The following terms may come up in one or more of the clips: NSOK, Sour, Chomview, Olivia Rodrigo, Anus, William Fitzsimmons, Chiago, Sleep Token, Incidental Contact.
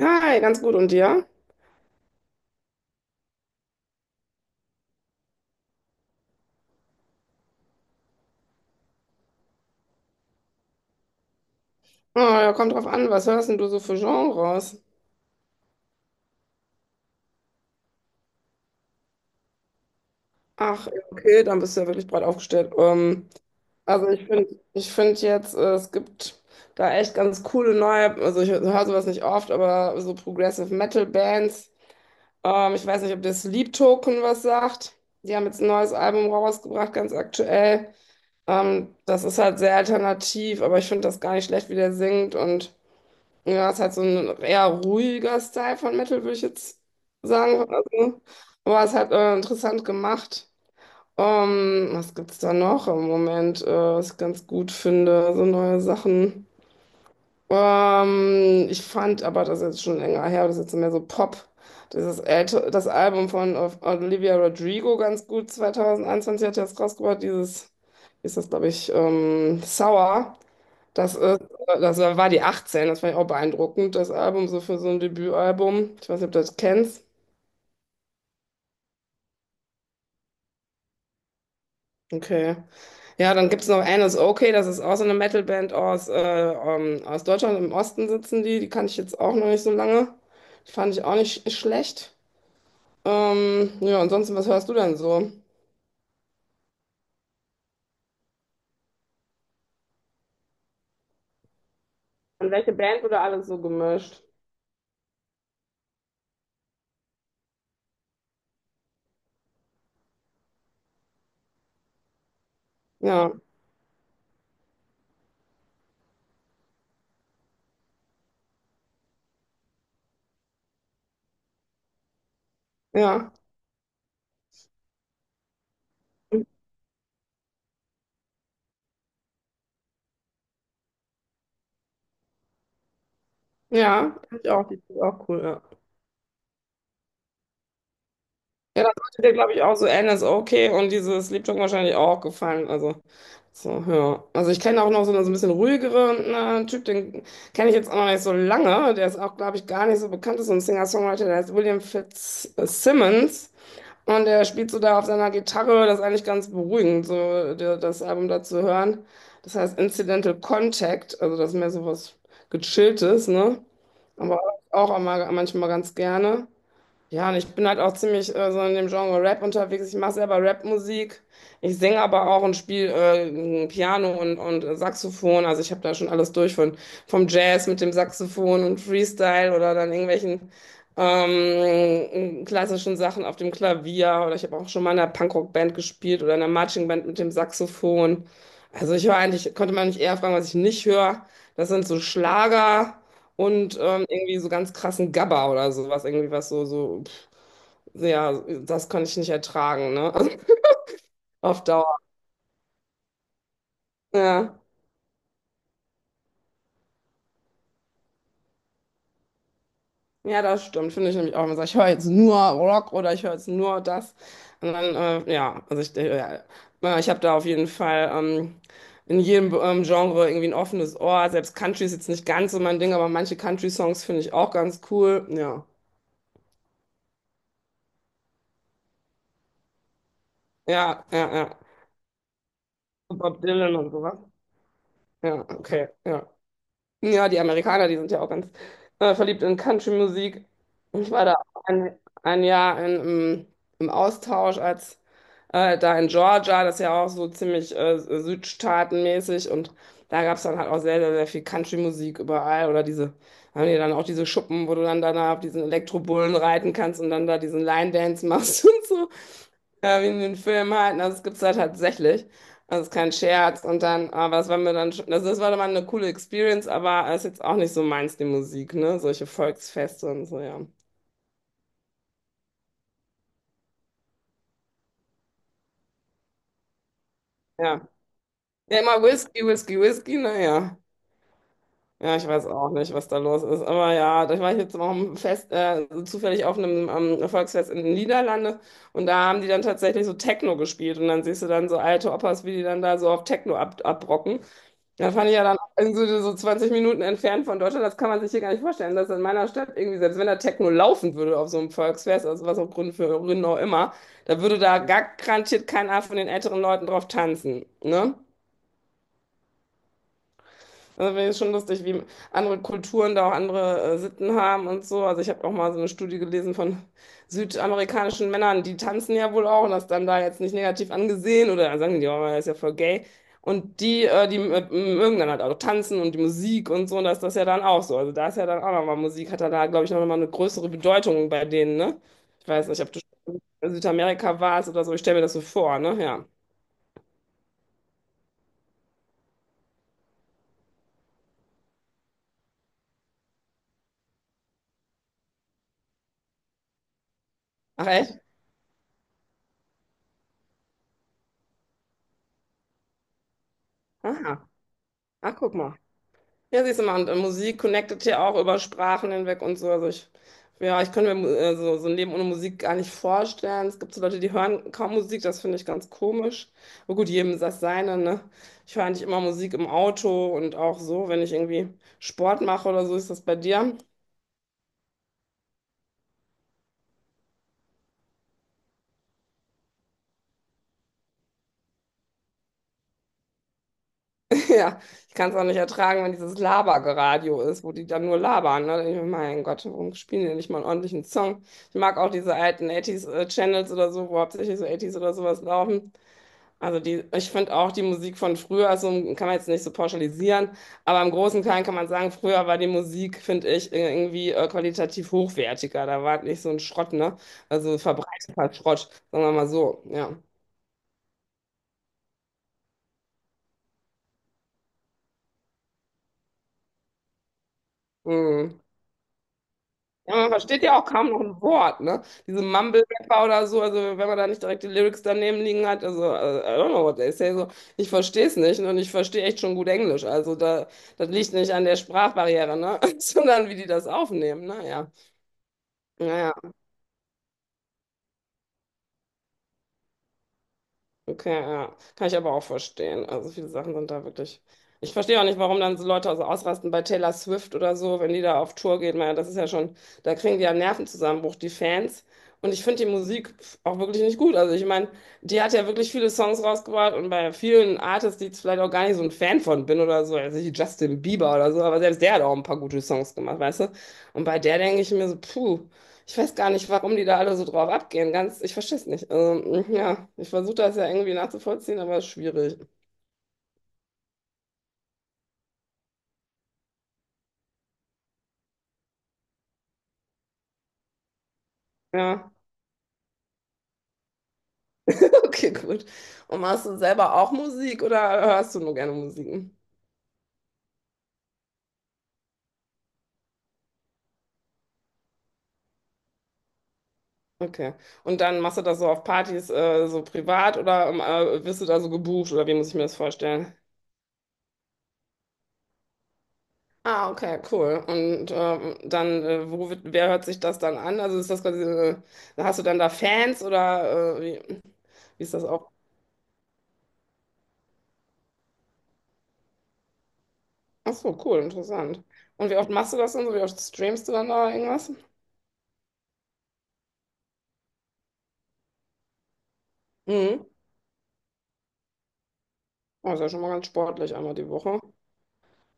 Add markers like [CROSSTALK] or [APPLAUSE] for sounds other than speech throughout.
Hi, ganz gut. Und dir? Oh, ja, kommt drauf an, was hörst denn du so für Genres? Ach, ja, okay, dann bist du ja wirklich breit aufgestellt. Also ich finde jetzt, es gibt da echt ganz coole neue, also ich höre sowas nicht oft, aber so Progressive Metal Bands. Ich weiß nicht, ob dir Sleep Token was sagt. Die haben jetzt ein neues Album rausgebracht, ganz aktuell. Das ist halt sehr alternativ, aber ich finde das gar nicht schlecht, wie der singt und ja, ist halt so ein eher ruhiger Style von Metal, würde ich jetzt sagen. Also, aber es hat interessant gemacht. Was gibt's da noch im Moment, was ich ganz gut finde? So neue Sachen. Ich fand, aber das ist jetzt schon länger her, das ist jetzt mehr so Pop. Dieses älte, das Album von Olivia Rodrigo ganz gut, 2021 hat sie das rausgebracht, dieses, wie ist das, glaube ich, Sour. Das ist, das war die 18, das fand ich auch beeindruckend, das Album, so für so ein Debütalbum. Ich weiß nicht, ob du das kennst. Okay. Ja, dann gibt es noch Anus Okay, das ist auch so eine Metalband aus, aus Deutschland, im Osten sitzen die, die kannte ich jetzt auch noch nicht so lange. Die fand ich auch nicht schlecht. Ja, ansonsten, was hörst du denn so? Und welche Band wurde alles so gemischt? Ja, ja, ja, fand ich auch, die ist auch cool, ja. Ja, das sollte dir, glaube ich, auch so NSOK und dieses Lied Jung wahrscheinlich auch gefallen. Also, so, ja. Also, ich kenne auch noch so einen so ein bisschen ruhigeren Typ, den kenne ich jetzt auch noch nicht so lange. Der ist auch, glaube ich, gar nicht so bekannt, ist so ein Singer-Songwriter, der heißt William Fitzsimmons. Und der spielt so da auf seiner Gitarre, das ist eigentlich ganz beruhigend, so der, das Album da zu hören. Das heißt Incidental Contact, also das ist mehr so was Gechilltes, ne? Aber auch immer, manchmal ganz gerne. Ja, und ich bin halt auch ziemlich so in dem Genre Rap unterwegs. Ich mache selber Rap-Musik. Ich singe aber auch und spiele Piano und Saxophon. Also ich habe da schon alles durch von vom Jazz mit dem Saxophon und Freestyle oder dann irgendwelchen klassischen Sachen auf dem Klavier. Oder ich habe auch schon mal in einer Punkrock-Band gespielt oder in einer Matching-Band mit dem Saxophon. Also ich höre eigentlich, konnte man nicht eher fragen, was ich nicht höre. Das sind so Schlager und irgendwie so ganz krassen Gabber oder sowas, irgendwie was so, so, pff, ja, das kann ich nicht ertragen, ne? [LAUGHS] Auf Dauer. Ja, ja, das stimmt, finde ich nämlich auch. Man sagt, ich höre jetzt nur Rock oder ich höre jetzt nur das. Und dann, ja, also ich, ja, ich habe da auf jeden Fall in jedem Genre irgendwie ein offenes Ohr. Selbst Country ist jetzt nicht ganz so mein Ding, aber manche Country-Songs finde ich auch ganz cool. Ja, ja, ja, ja. Bob Dylan und sowas. Ja, okay, ja. Ja, die Amerikaner, die sind ja auch ganz verliebt in Country-Musik. Und ich war da auch ein, 1 Jahr in, im, im Austausch als da in Georgia, das ist ja auch so ziemlich südstaatenmäßig und da gab es dann halt auch sehr, sehr, sehr viel Country-Musik überall oder diese, haben die dann auch diese Schuppen, wo du dann danach auf diesen Elektrobullen reiten kannst und dann da diesen Line-Dance machst [LAUGHS] und so, ja, wie in den Filmen halt, und das gibt's da tatsächlich. Das ist kein Scherz. Und dann, aber das war mir dann schon, also das war dann mal eine coole Experience, aber ist jetzt auch nicht so meins, die Musik, ne? Solche Volksfeste und so, ja. Ja. Ja, immer Whisky, Whisky, Whisky, naja. Ja, ich weiß auch nicht, was da los ist. Aber ja, da war ich jetzt auch im Fest, zufällig auf einem Volksfest in den Niederlanden und da haben die dann tatsächlich so Techno gespielt und dann siehst du dann so alte Opas, wie die dann da so auf Techno ab abrocken. Da fand ich ja dann irgendwie so, so 20 Minuten entfernt von Deutschland, das kann man sich hier gar nicht vorstellen, dass in meiner Stadt irgendwie, selbst wenn da Techno laufen würde auf so einem Volksfest, aus was auch Grund für Gründen auch immer, da würde da garantiert keiner von den älteren Leuten drauf tanzen, ne? Also finde ich schon lustig, wie andere Kulturen da auch andere Sitten haben und so. Also ich habe auch mal so eine Studie gelesen von südamerikanischen Männern, die tanzen ja wohl auch und das dann da jetzt nicht negativ angesehen oder sagen die, oh, er ist ja voll gay. Und die, mögen dann halt auch tanzen und die Musik und so, und das ist das ja dann auch so. Also da ist ja dann auch nochmal Musik, hat dann da, glaube ich, noch mal eine größere Bedeutung bei denen, ne? Ich weiß nicht, ob du schon in Südamerika warst oder so, ich stelle mir das so vor, ne? Ja. Ach echt? Aha. Ach, guck mal. Ja, siehst du mal, und Musik connectet ja auch über Sprachen hinweg und so. Also ich, ja, ich könnte mir so, so ein Leben ohne Musik gar nicht vorstellen. Es gibt so Leute, die hören kaum Musik, das finde ich ganz komisch. Aber gut, jedem das seine, ne? Ich höre eigentlich immer Musik im Auto und auch so, wenn ich irgendwie Sport mache oder so, ist das bei dir. [LAUGHS] Ja, ich kann es auch nicht ertragen, wenn dieses Labergeradio ist, wo die dann nur labern, ne? Da denk ich mir, mein Gott, warum spielen die nicht mal einen ordentlichen Song? Ich mag auch diese alten 80 channels oder so, wo hauptsächlich so 80 oder sowas laufen. Also die, ich finde auch die Musik von früher, also kann man jetzt nicht so pauschalisieren, aber im Großen und Kleinen kann man sagen, früher war die Musik, finde ich, irgendwie qualitativ hochwertiger. Da war nicht so ein Schrott, ne? Also verbreiteter Schrott, sagen wir mal so, ja. Mhm. Ja, man versteht ja auch kaum noch ein Wort, ne? Diese Mumble-Rapper oder so, also wenn man da nicht direkt die Lyrics daneben liegen hat, also I don't know what they say, so, ich verstehe es nicht und ich verstehe echt schon gut Englisch. Also da, das liegt nicht an der Sprachbarriere, ne? [LAUGHS] Sondern wie die das aufnehmen, ne? Ja. Ja, ja, okay, ja. Kann ich aber auch verstehen. Also viele Sachen sind da wirklich. Ich verstehe auch nicht, warum dann so Leute so ausrasten bei Taylor Swift oder so, wenn die da auf Tour geht. Man, das ist ja schon, da kriegen die ja einen Nervenzusammenbruch, die Fans. Und ich finde die Musik auch wirklich nicht gut. Also ich meine, die hat ja wirklich viele Songs rausgebracht und bei vielen Artists, die ich vielleicht auch gar nicht so ein Fan von bin oder so, also wie Justin Bieber oder so, aber selbst der hat auch ein paar gute Songs gemacht, weißt du? Und bei der denke ich mir so, puh. Ich weiß gar nicht, warum die da alle so drauf abgehen. Ganz, ich verstehe es nicht. Also, ja, ich versuche das ja irgendwie nachzuvollziehen, aber es ist schwierig. Ja, [LAUGHS] okay, gut. Und machst du selber auch Musik oder hörst du nur gerne Musik? Okay. Und dann machst du das so auf Partys, so privat oder wirst du da so gebucht oder wie muss ich mir das vorstellen? Ah, okay, cool. Und dann, wo wird, wer hört sich das dann an? Also ist das quasi, hast du dann da Fans oder wie, wie ist das auch? Ach so, cool, interessant. Und wie oft machst du das denn so? Wie oft streamst du dann da irgendwas? Mhm. Oh, ist ja schon mal ganz sportlich, 1 Mal die Woche.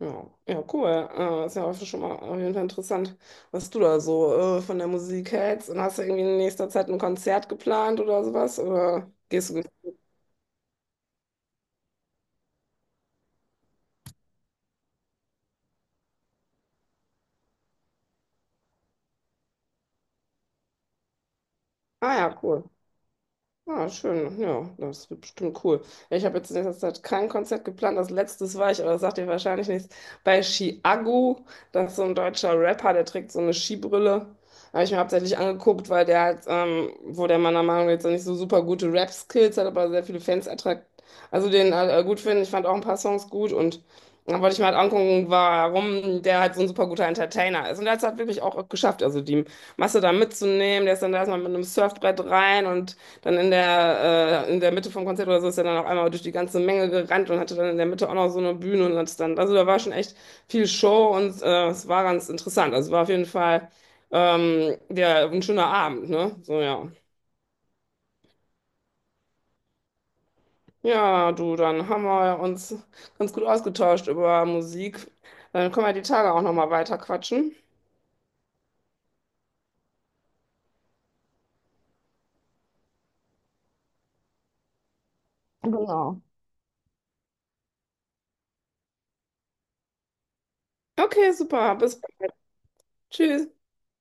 Ja, ja, cool. Ist ja auch schon mal auf jeden Fall interessant, was du da so von der Musik hältst. Und hast du irgendwie in nächster Zeit ein Konzert geplant oder sowas? Oder gehst du? Ah ja, cool. Ah, schön. Ja, das wird bestimmt cool. Ja, ich habe jetzt in letzter Zeit kein Konzert geplant. Das letztes war ich, aber das sagt dir wahrscheinlich nichts. Bei Chiago, das ist so ein deutscher Rapper, der trägt so eine Skibrille. Habe ich mir hauptsächlich angeguckt, weil der halt, wo der meiner Meinung nach jetzt nicht so super gute Rap-Skills hat, aber sehr viele Fans attraktiv. Also den gut finden. Ich fand auch ein paar Songs gut und dann wollte ich mal angucken, warum der halt so ein super guter Entertainer ist. Und der hat es halt wirklich auch geschafft, also die Masse da mitzunehmen. Der ist dann da erstmal mit einem Surfbrett rein und dann in der Mitte vom Konzert oder so ist er dann auch einmal durch die ganze Menge gerannt und hatte dann in der Mitte auch noch so eine Bühne und hat dann, also da war schon echt viel Show und es war ganz interessant. Also war auf jeden Fall der, ein schöner Abend, ne? So, ja. Ja, du, dann haben wir ja uns ganz gut ausgetauscht über Musik. Dann können wir die Tage auch nochmal weiter quatschen. Genau. Okay, super. Bis bald. Tschüss.